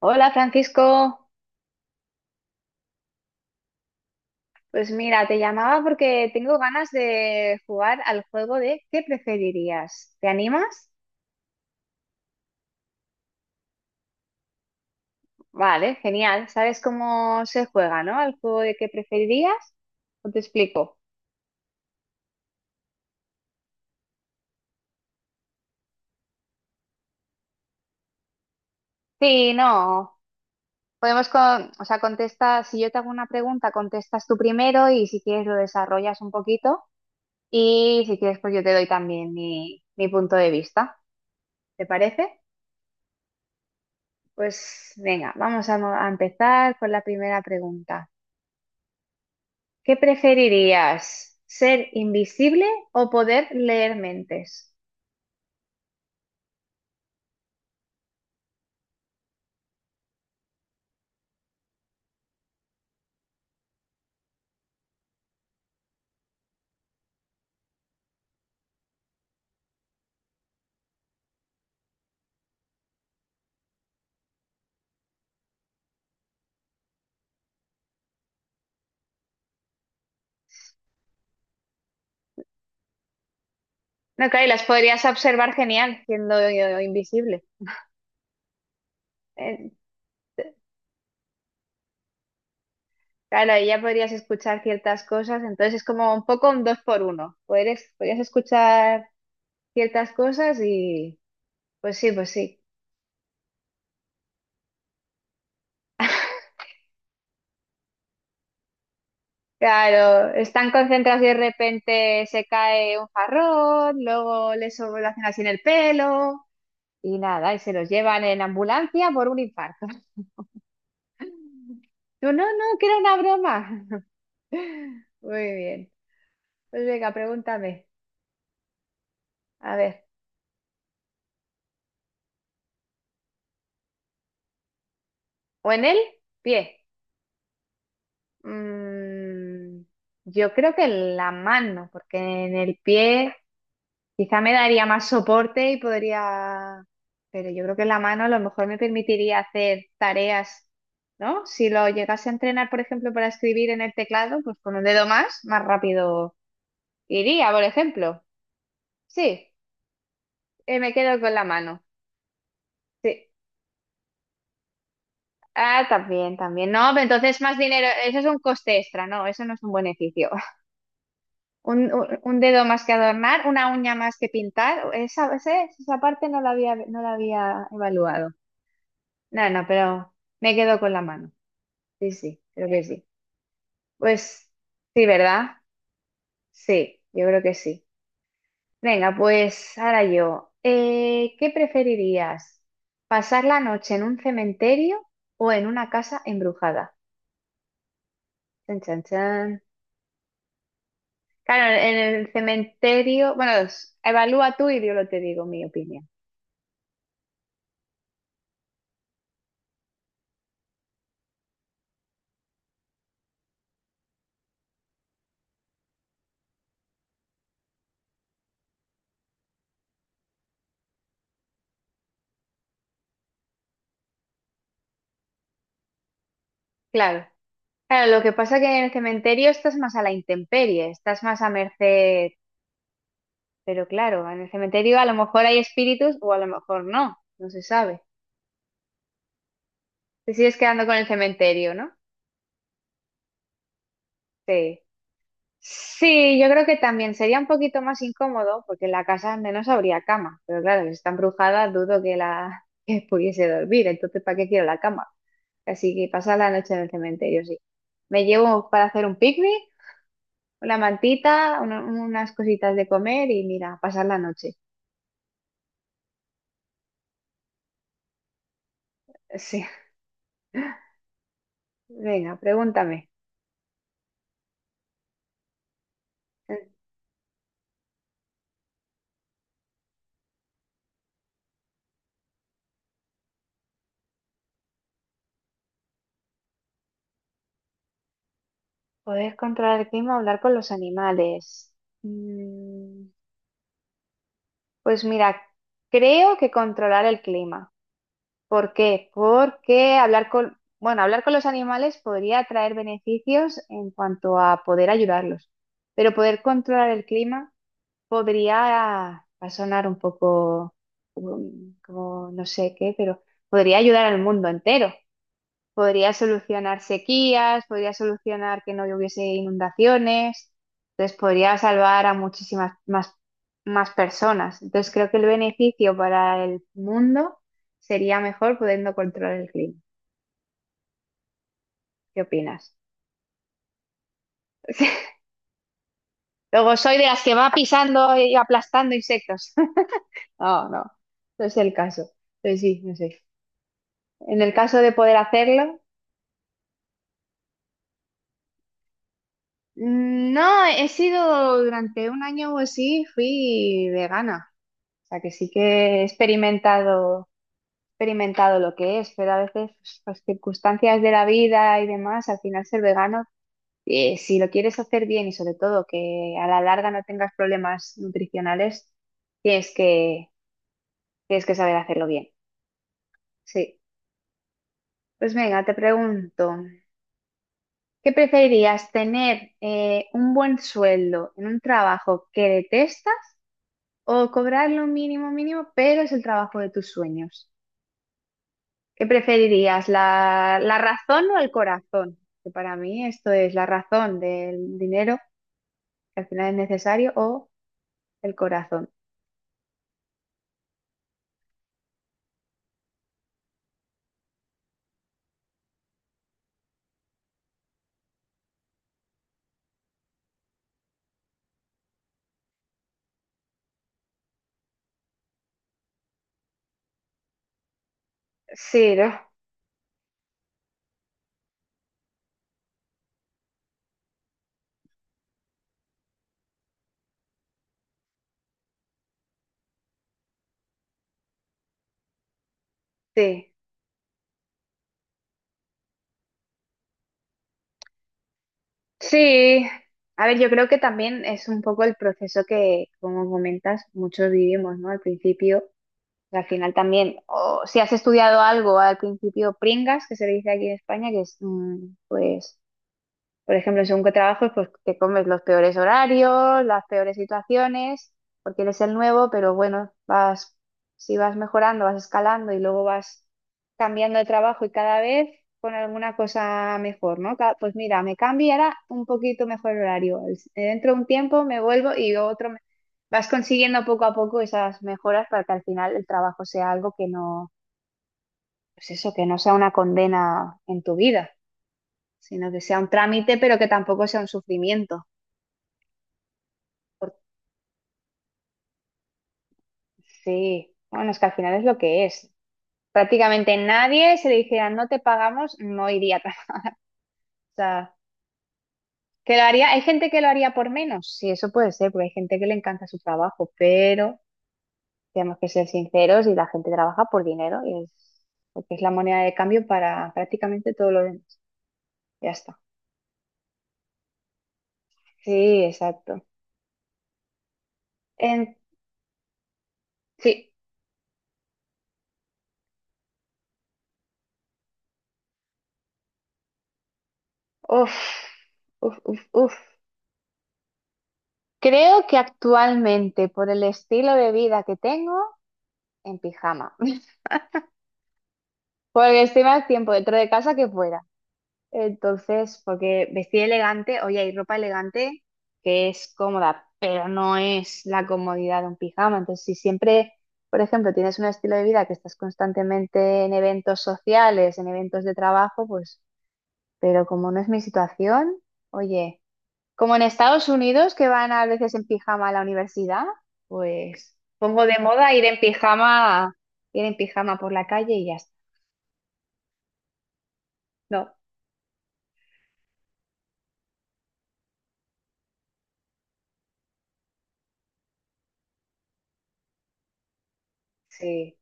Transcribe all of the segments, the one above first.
Hola Francisco, pues mira, te llamaba porque tengo ganas de jugar al juego de ¿qué preferirías? ¿Te animas? Vale, genial. ¿Sabes cómo se juega, no? Al juego de ¿qué preferirías? ¿O te explico? Sí, no. Podemos, con, o sea, contesta, si yo te hago una pregunta, contestas tú primero y si quieres lo desarrollas un poquito y si quieres pues yo te doy también mi punto de vista. ¿Te parece? Pues venga, vamos a empezar con la primera pregunta. ¿Qué preferirías? ¿Ser invisible o poder leer mentes? No, claro, y las podrías observar genial siendo invisible. Eh, claro, ahí ya podrías escuchar ciertas cosas, entonces es como un poco un dos por uno. Podrías escuchar ciertas cosas y pues sí, pues sí. Claro, están concentrados y de repente se cae un jarrón, luego les hacen así en el pelo y nada, y se los llevan en ambulancia por un infarto. Yo, no, no, que era una broma. Muy bien. Pues venga, pregúntame. A ver. ¿O en el pie? Mm, yo creo que en la mano, porque en el pie quizá me daría más soporte y podría... Pero yo creo que en la mano a lo mejor me permitiría hacer tareas, ¿no? Si lo llegase a entrenar, por ejemplo, para escribir en el teclado, pues con un dedo más, más rápido iría, por ejemplo. Sí, me quedo con la mano. Sí. Ah, también, también. No, pero entonces más dinero, eso es un coste extra, no, eso no es un beneficio. Un dedo más que adornar, una uña más que pintar, esa parte no la había evaluado. No, no, pero me quedo con la mano. Sí, sí, creo que sí. Pues sí, ¿verdad? Sí, yo creo que sí. Venga, pues ahora yo. ¿Qué preferirías? ¿Pasar la noche en un cementerio o en una casa embrujada? Chan, chan, chan. Claro, en el cementerio, bueno, evalúa tú y yo lo te digo mi opinión. Claro, claro, lo que pasa es que en el cementerio estás más a la intemperie, estás más a merced, pero claro, en el cementerio a lo mejor hay espíritus o a lo mejor no, no se sabe. Te sigues quedando con el cementerio, ¿no? Sí. Sí, yo creo que también sería un poquito más incómodo porque en la casa al menos habría cama, pero claro, si está embrujada dudo que la que pudiese dormir, entonces ¿para qué quiero la cama? Así que pasar la noche en el cementerio, sí. Me llevo para hacer un picnic, una mantita, unas cositas de comer y mira, pasar la noche. Sí, venga, pregúntame. ¿Poder controlar el clima o hablar con los animales? Mm, Pues mira, creo que controlar el clima. ¿Por qué? Porque hablar con, bueno, hablar con los animales podría traer beneficios en cuanto a poder ayudarlos, pero poder controlar el clima podría, va a sonar un poco como no sé qué, pero podría ayudar al mundo entero. Podría solucionar sequías, podría solucionar que no hubiese inundaciones, entonces podría salvar a muchísimas más, más personas. Entonces creo que el beneficio para el mundo sería mejor pudiendo controlar el clima. ¿Qué opinas? Luego soy de las que va pisando y aplastando insectos. No, no, no es el caso. Pues sí, no sé, en el caso de poder hacerlo. No, he sido durante un año o así, fui vegana. O sea que sí que he experimentado, experimentado lo que es, pero a veces pues, las circunstancias de la vida y demás, al final ser vegano, si lo quieres hacer bien y sobre todo que a la larga no tengas problemas nutricionales, tienes que, tienes que saber hacerlo bien. Sí. Pues venga, te pregunto. ¿Qué preferirías, tener un buen sueldo en un trabajo que detestas o cobrar lo mínimo mínimo, pero es el trabajo de tus sueños? ¿Qué preferirías, la razón o el corazón? Que para mí esto es la razón del dinero, que al final es necesario, o el corazón. Sí, ¿no? Sí. Sí. A ver, yo creo que también es un poco el proceso que, como comentas, muchos vivimos, ¿no? Al final también, o si has estudiado algo al principio pringas, que se le dice aquí en España, que es pues por ejemplo, según qué trabajo, pues te comes los peores horarios, las peores situaciones, porque eres el nuevo, pero bueno, si vas mejorando, vas escalando y luego vas cambiando de trabajo y cada vez con alguna cosa mejor, ¿no? Pues mira, me cambio y ahora un poquito mejor el horario. Dentro de un tiempo me vuelvo y otro... Vas consiguiendo poco a poco esas mejoras para que al final el trabajo sea algo que no, pues eso, que no sea una condena en tu vida sino que sea un trámite, pero que tampoco sea un sufrimiento. Por- Sí, bueno, es que al final es lo que es. Prácticamente nadie, se le dijera no te pagamos, no iría a trabajar. O sea, que lo haría, hay gente que lo haría por menos, sí, eso puede ser, porque hay gente que le encanta su trabajo, pero tenemos que ser sinceros y la gente trabaja por dinero porque es la moneda de cambio para prácticamente todo lo demás. Ya está. Sí, exacto. En- sí, uff, uff, uff, uff. Creo que actualmente, por el estilo de vida que tengo, en pijama. Porque estoy más tiempo dentro de casa que fuera. Entonces, porque vestir elegante, oye, hay ropa elegante que es cómoda, pero no es la comodidad de un pijama. Entonces, si siempre, por ejemplo, tienes un estilo de vida que estás constantemente en eventos sociales, en eventos de trabajo, pues, pero como no es mi situación, oye. Como en Estados Unidos, que van a veces en pijama a la universidad, pues pongo de moda ir en pijama por la calle y ya está. No, sí,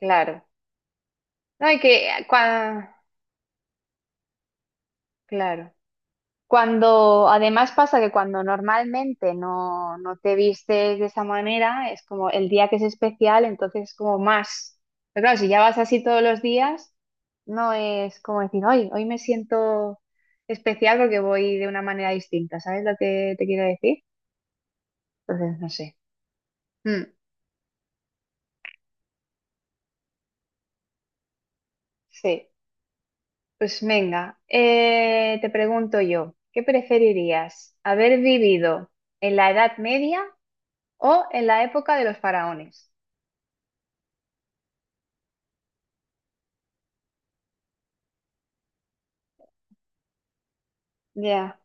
claro. No hay que, cua- claro. Cuando, además pasa que cuando normalmente no, no te vistes de esa manera, es como el día que es especial, entonces es como más. Pero claro, si ya vas así todos los días, no es como decir, hoy, hoy me siento especial porque voy de una manera distinta, ¿sabes lo que te quiero decir? Entonces, no sé. Mm, sí, pues venga, te pregunto yo, ¿qué preferirías? ¿Haber vivido en la Edad Media o en la época de los faraones? Ya.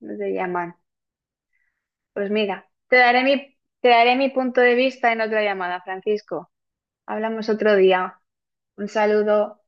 No te llaman. Pues mira, te daré mi punto de vista en otra llamada, Francisco. Hablamos otro día. Un saludo.